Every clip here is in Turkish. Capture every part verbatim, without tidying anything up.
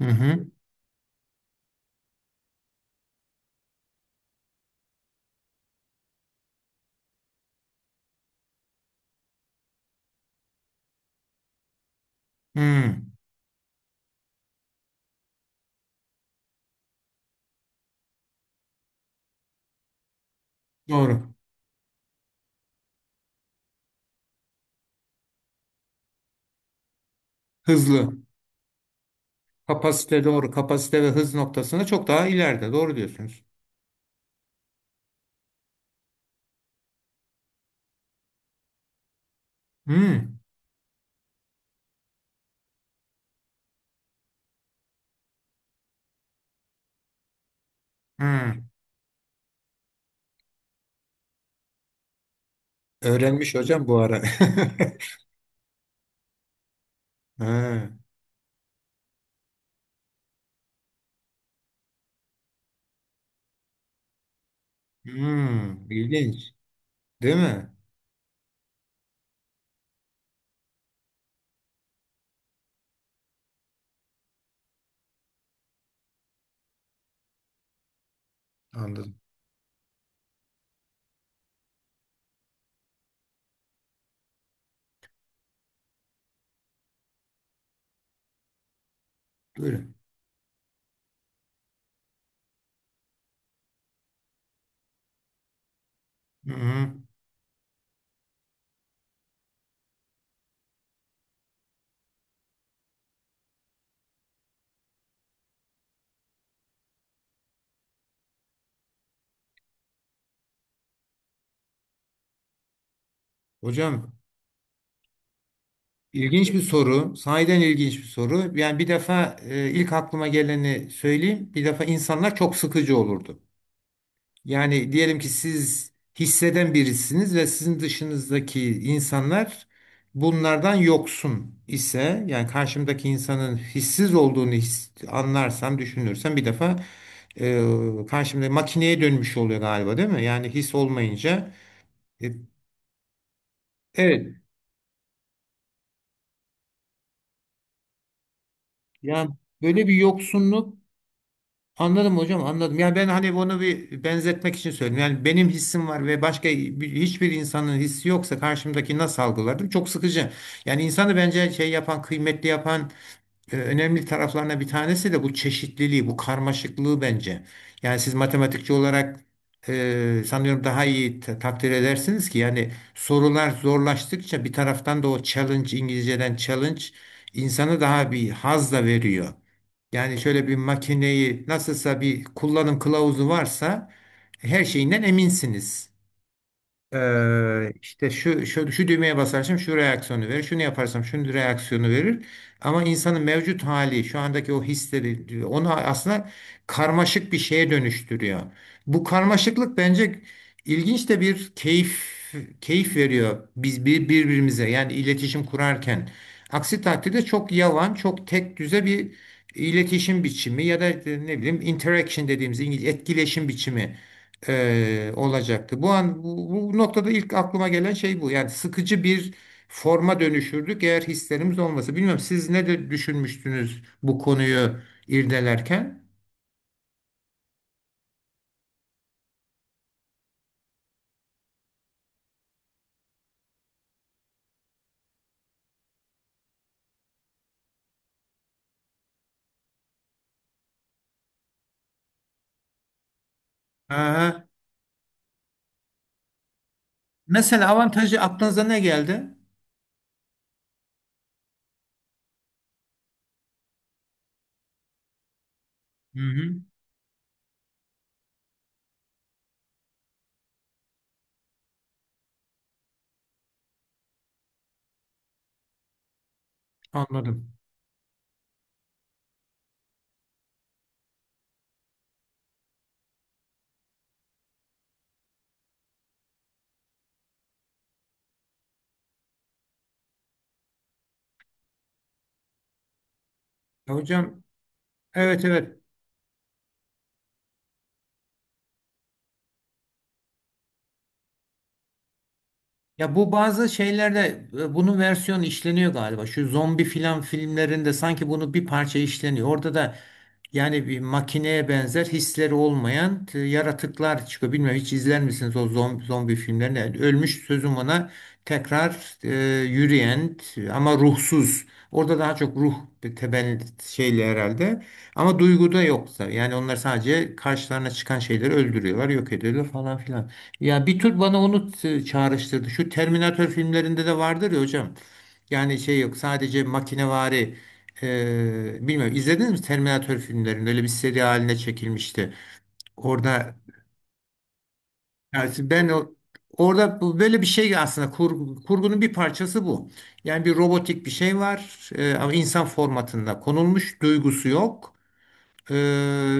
Hı hı. Hı. Doğru. Hızlı. Kapasite doğru. Kapasite ve hız noktasında çok daha ileride. Doğru diyorsunuz. Hı. Hı. Öğrenmiş hocam bu ara. Ha. Hı. İlginç. Değil mi? Anladım. Buyurun. Hı hı. Hocam ilginç bir soru. Sahiden ilginç bir soru. Yani bir defa e, ilk aklıma geleni söyleyeyim. Bir defa insanlar çok sıkıcı olurdu. Yani diyelim ki siz hisseden birisiniz ve sizin dışınızdaki insanlar bunlardan yoksun ise, yani karşımdaki insanın hissiz olduğunu his, anlarsam düşünürsem bir defa e, karşımda makineye dönmüş oluyor galiba, değil mi? Yani his olmayınca e, evet, yani böyle bir yoksunluk. Anladım hocam, anladım. Yani ben hani bunu bir benzetmek için söyledim. Yani benim hissim var ve başka bir- hiçbir insanın hissi yoksa karşımdaki nasıl algılardım? Çok sıkıcı. Yani insanı bence şey yapan, kıymetli yapan e, önemli taraflarına bir tanesi de bu çeşitliliği, bu karmaşıklığı bence. Yani siz matematikçi olarak e, sanıyorum daha iyi ta- takdir edersiniz ki yani sorular zorlaştıkça bir taraftan da o challenge, İngilizceden challenge insanı daha bir haz da veriyor. Yani şöyle bir makineyi, nasılsa bir kullanım kılavuzu varsa her şeyinden eminsiniz. Ee, işte şu, şu, şu düğmeye basarsam şu reaksiyonu verir, şunu yaparsam şunu reaksiyonu verir. Ama insanın mevcut hali, şu andaki o hisleri onu aslında karmaşık bir şeye dönüştürüyor. Bu karmaşıklık bence ilginç de bir keyif, keyif veriyor biz bir, birbirimize yani iletişim kurarken. Aksi takdirde çok yavan, çok tek düze bir iletişim biçimi ya da e, ne bileyim interaction dediğimiz, İngilizce etkileşim biçimi e, olacaktı. Bu an bu, bu noktada ilk aklıma gelen şey bu. Yani sıkıcı bir forma dönüşürdük eğer hislerimiz olmasa. Bilmiyorum siz ne de düşünmüştünüz bu konuyu irdelerken? Aha. Mesela avantajı aklınıza ne geldi? Hı hı. Anladım. Hocam evet, evet. Ya bu bazı şeylerde e, bunun versiyonu işleniyor galiba. Şu zombi filan filmlerinde sanki bunu bir parça işleniyor. Orada da yani bir makineye benzer, hisleri olmayan e, yaratıklar çıkıyor. Bilmiyorum, hiç izler misiniz o zombi, zombi filmlerini? Yani ölmüş sözüm ona tekrar e, yürüyen t- ama ruhsuz. Orada daha çok ruh bir temel şeyle herhalde. Ama duyguda yoksa. Yani onlar sadece karşılarına çıkan şeyleri öldürüyorlar, yok ediyorlar falan filan. Ya bir tür bana onu t- çağrıştırdı. Şu Terminator filmlerinde de vardır ya hocam. Yani şey yok, sadece makinevari e, bilmiyorum, izlediniz mi Terminator filmlerini? Öyle bir seri haline çekilmişti. Orada yani ben o Orada bu- böyle bir şey, aslında kur- kurgunun bir parçası bu. Yani bir robotik bir şey var, e, ama insan formatında konulmuş, duygusu yok. Ee,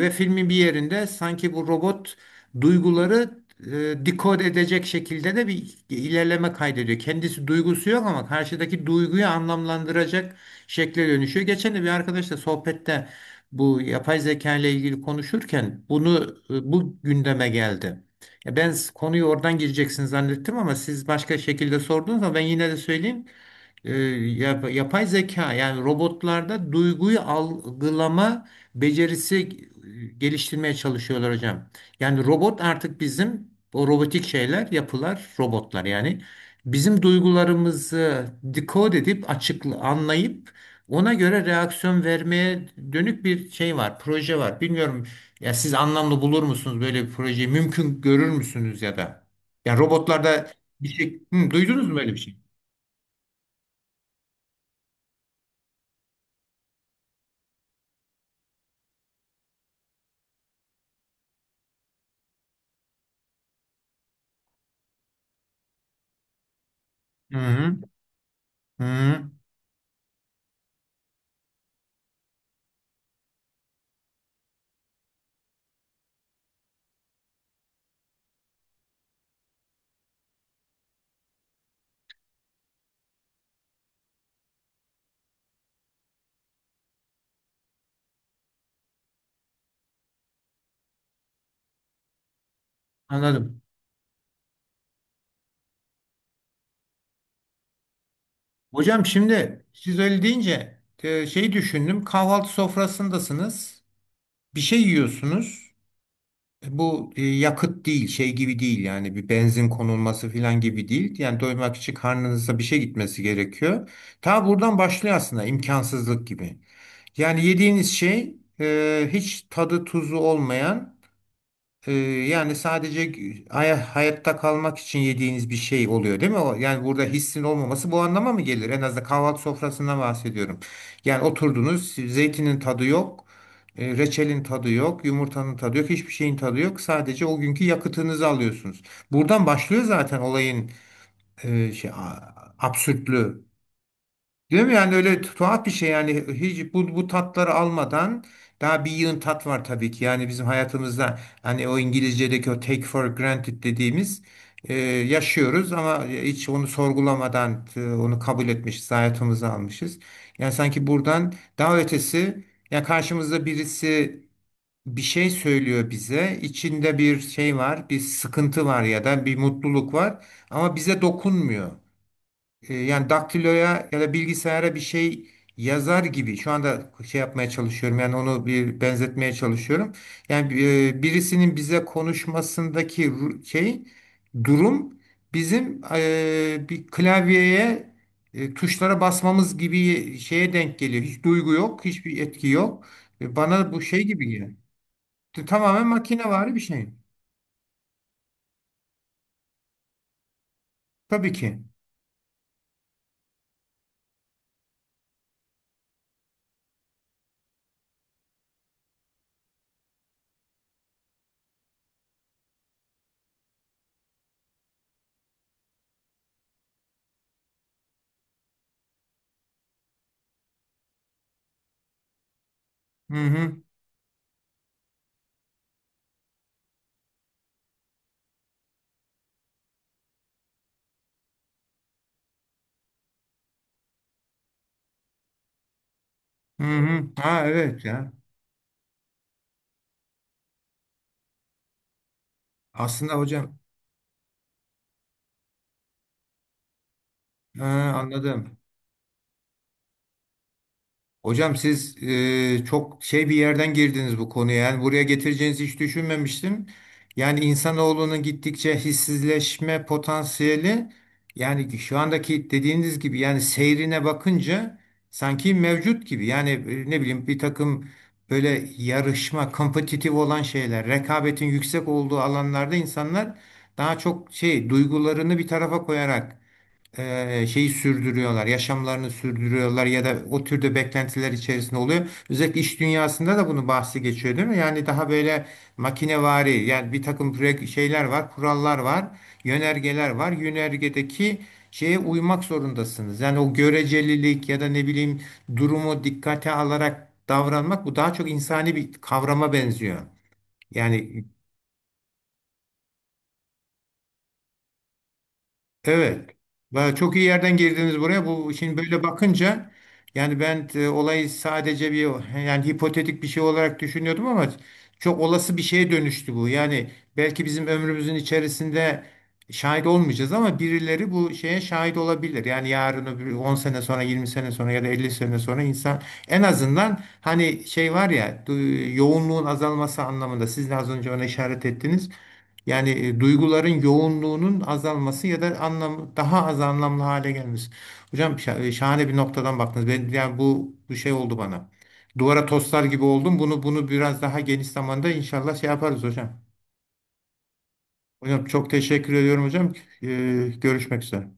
ve filmin bir yerinde sanki bu robot duyguları e, dekod edecek şekilde de bir ilerleme kaydediyor. Kendisi duygusu yok ama karşıdaki duyguyu anlamlandıracak şekle dönüşüyor. Geçen de bir arkadaşla sohbette bu yapay zeka ile ilgili konuşurken bunu e, bu gündeme geldi. Ya ben s- konuyu oradan gireceksin zannettim ama siz başka şekilde sorduğunuz zaman ben yine de söyleyeyim, e, yap- yapay zeka, yani robotlarda duyguyu algılama becerisi e, geliştirmeye çalışıyorlar hocam. Yani robot artık, bizim o robotik şeyler, yapılar, robotlar yani bizim duygularımızı dekod edip, açıkla anlayıp ona göre reaksiyon vermeye dönük bir şey var, proje var. Bilmiyorum, ya siz anlamlı bulur musunuz böyle bir projeyi? Mümkün görür müsünüz ya da? Yani robotlarda bir şey. Hı, duydunuz mu böyle bir şey? Hı hı. Hı, anladım. Hocam şimdi siz öyle deyince e, şey düşündüm. Kahvaltı sofrasındasınız. Bir şey yiyorsunuz. E, Bu e, yakıt değil, şey gibi değil, yani bir benzin konulması falan gibi değil. Yani doymak için karnınıza bir şey gitmesi gerekiyor. Ta buradan başlıyor aslında imkansızlık gibi. Yani yediğiniz şey e, hiç tadı tuzu olmayan, Ee, yani sadece hay- hayatta kalmak için yediğiniz bir şey oluyor, değil mi? O- Yani burada hissin olmaması bu anlama mı gelir? En azından kahvaltı sofrasından bahsediyorum. Yani oturdunuz, zeytinin tadı yok, e, reçelin tadı yok, yumurtanın tadı yok, hiçbir şeyin tadı yok. Sadece o günkü yakıtınızı alıyorsunuz. Buradan başlıyor zaten olayın e, şey, a- absürtlüğü. Değil mi? Yani öyle tuhaf bir şey, yani hiç bu, bu tatları almadan daha bir yığın tat var tabii ki. Yani bizim hayatımızda hani o İngilizce'deki o take for granted dediğimiz, e, yaşıyoruz ama hiç onu sorgulamadan e, onu kabul etmişiz, hayatımıza almışız. Yani sanki buradan daha ötesi, ya karşımızda birisi bir şey söylüyor bize. İçinde bir şey var, bir sıkıntı var ya da bir mutluluk var ama bize dokunmuyor. E, yani daktiloya ya da bilgisayara bir şey yazar gibi şu anda şey yapmaya çalışıyorum, yani onu bir benzetmeye çalışıyorum. Yani e, birisinin bize konuşmasındaki ru- şey durum, bizim e, bir klavyeye e, tuşlara basmamız gibi şeye denk geliyor. Hiç duygu yok, hiçbir etki yok. E, bana bu şey gibi geliyor. Tamamen makinevari bir şey. Tabii ki. Hı hı. Hı hı. Ha, evet ya. Aslında hocam, ha, anladım. Hocam siz e, çok şey bir yerden girdiniz bu konuya. Yani buraya getireceğinizi hiç düşünmemiştim. Yani insanoğlunun gittikçe hissizleşme potansiyeli, yani şu andaki dediğiniz gibi yani seyrine bakınca sanki mevcut gibi. Yani e, ne bileyim, bir takım böyle yarışma, kompetitif olan şeyler, rekabetin yüksek olduğu alanlarda insanlar daha çok şey, duygularını bir tarafa koyarak e, şeyi sürdürüyorlar, yaşamlarını sürdürüyorlar ya da o türde beklentiler içerisinde oluyor. Özellikle iş dünyasında da bunu bahsi geçiyor, değil mi? Yani daha böyle makinevari, yani bir takım pre- şeyler var, kurallar var, yönergeler var. Yönergedeki şeye uymak zorundasınız. Yani o görecelilik ya da ne bileyim, durumu dikkate alarak davranmak, bu daha çok insani bir kavrama benziyor. Yani. Evet. Ba- Çok iyi yerden girdiniz buraya. Bu şimdi böyle bakınca, yani ben e, olayı sadece bir, yani hipotetik bir şey olarak düşünüyordum ama çok olası bir şeye dönüştü bu. Yani belki bizim ömrümüzün içerisinde şahit olmayacağız ama birileri bu şeye şahit olabilir. Yani yarın öbür on sene sonra, yirmi sene sonra ya da elli sene sonra insan en azından hani şey var ya, du- yoğunluğun azalması anlamında siz de az önce ona işaret ettiniz. Yani e, duyguların yoğunluğunun azalması ya da anlam daha az anlamlı hale gelmesi. Hocam, şa- e, şahane bir noktadan baktınız. Ben yani bu bu şey oldu bana. Duvara toslar gibi oldum. Bunu bunu biraz daha geniş zamanda inşallah şey yaparız hocam. Hocam çok teşekkür ediyorum hocam. Ee, görüşmek üzere.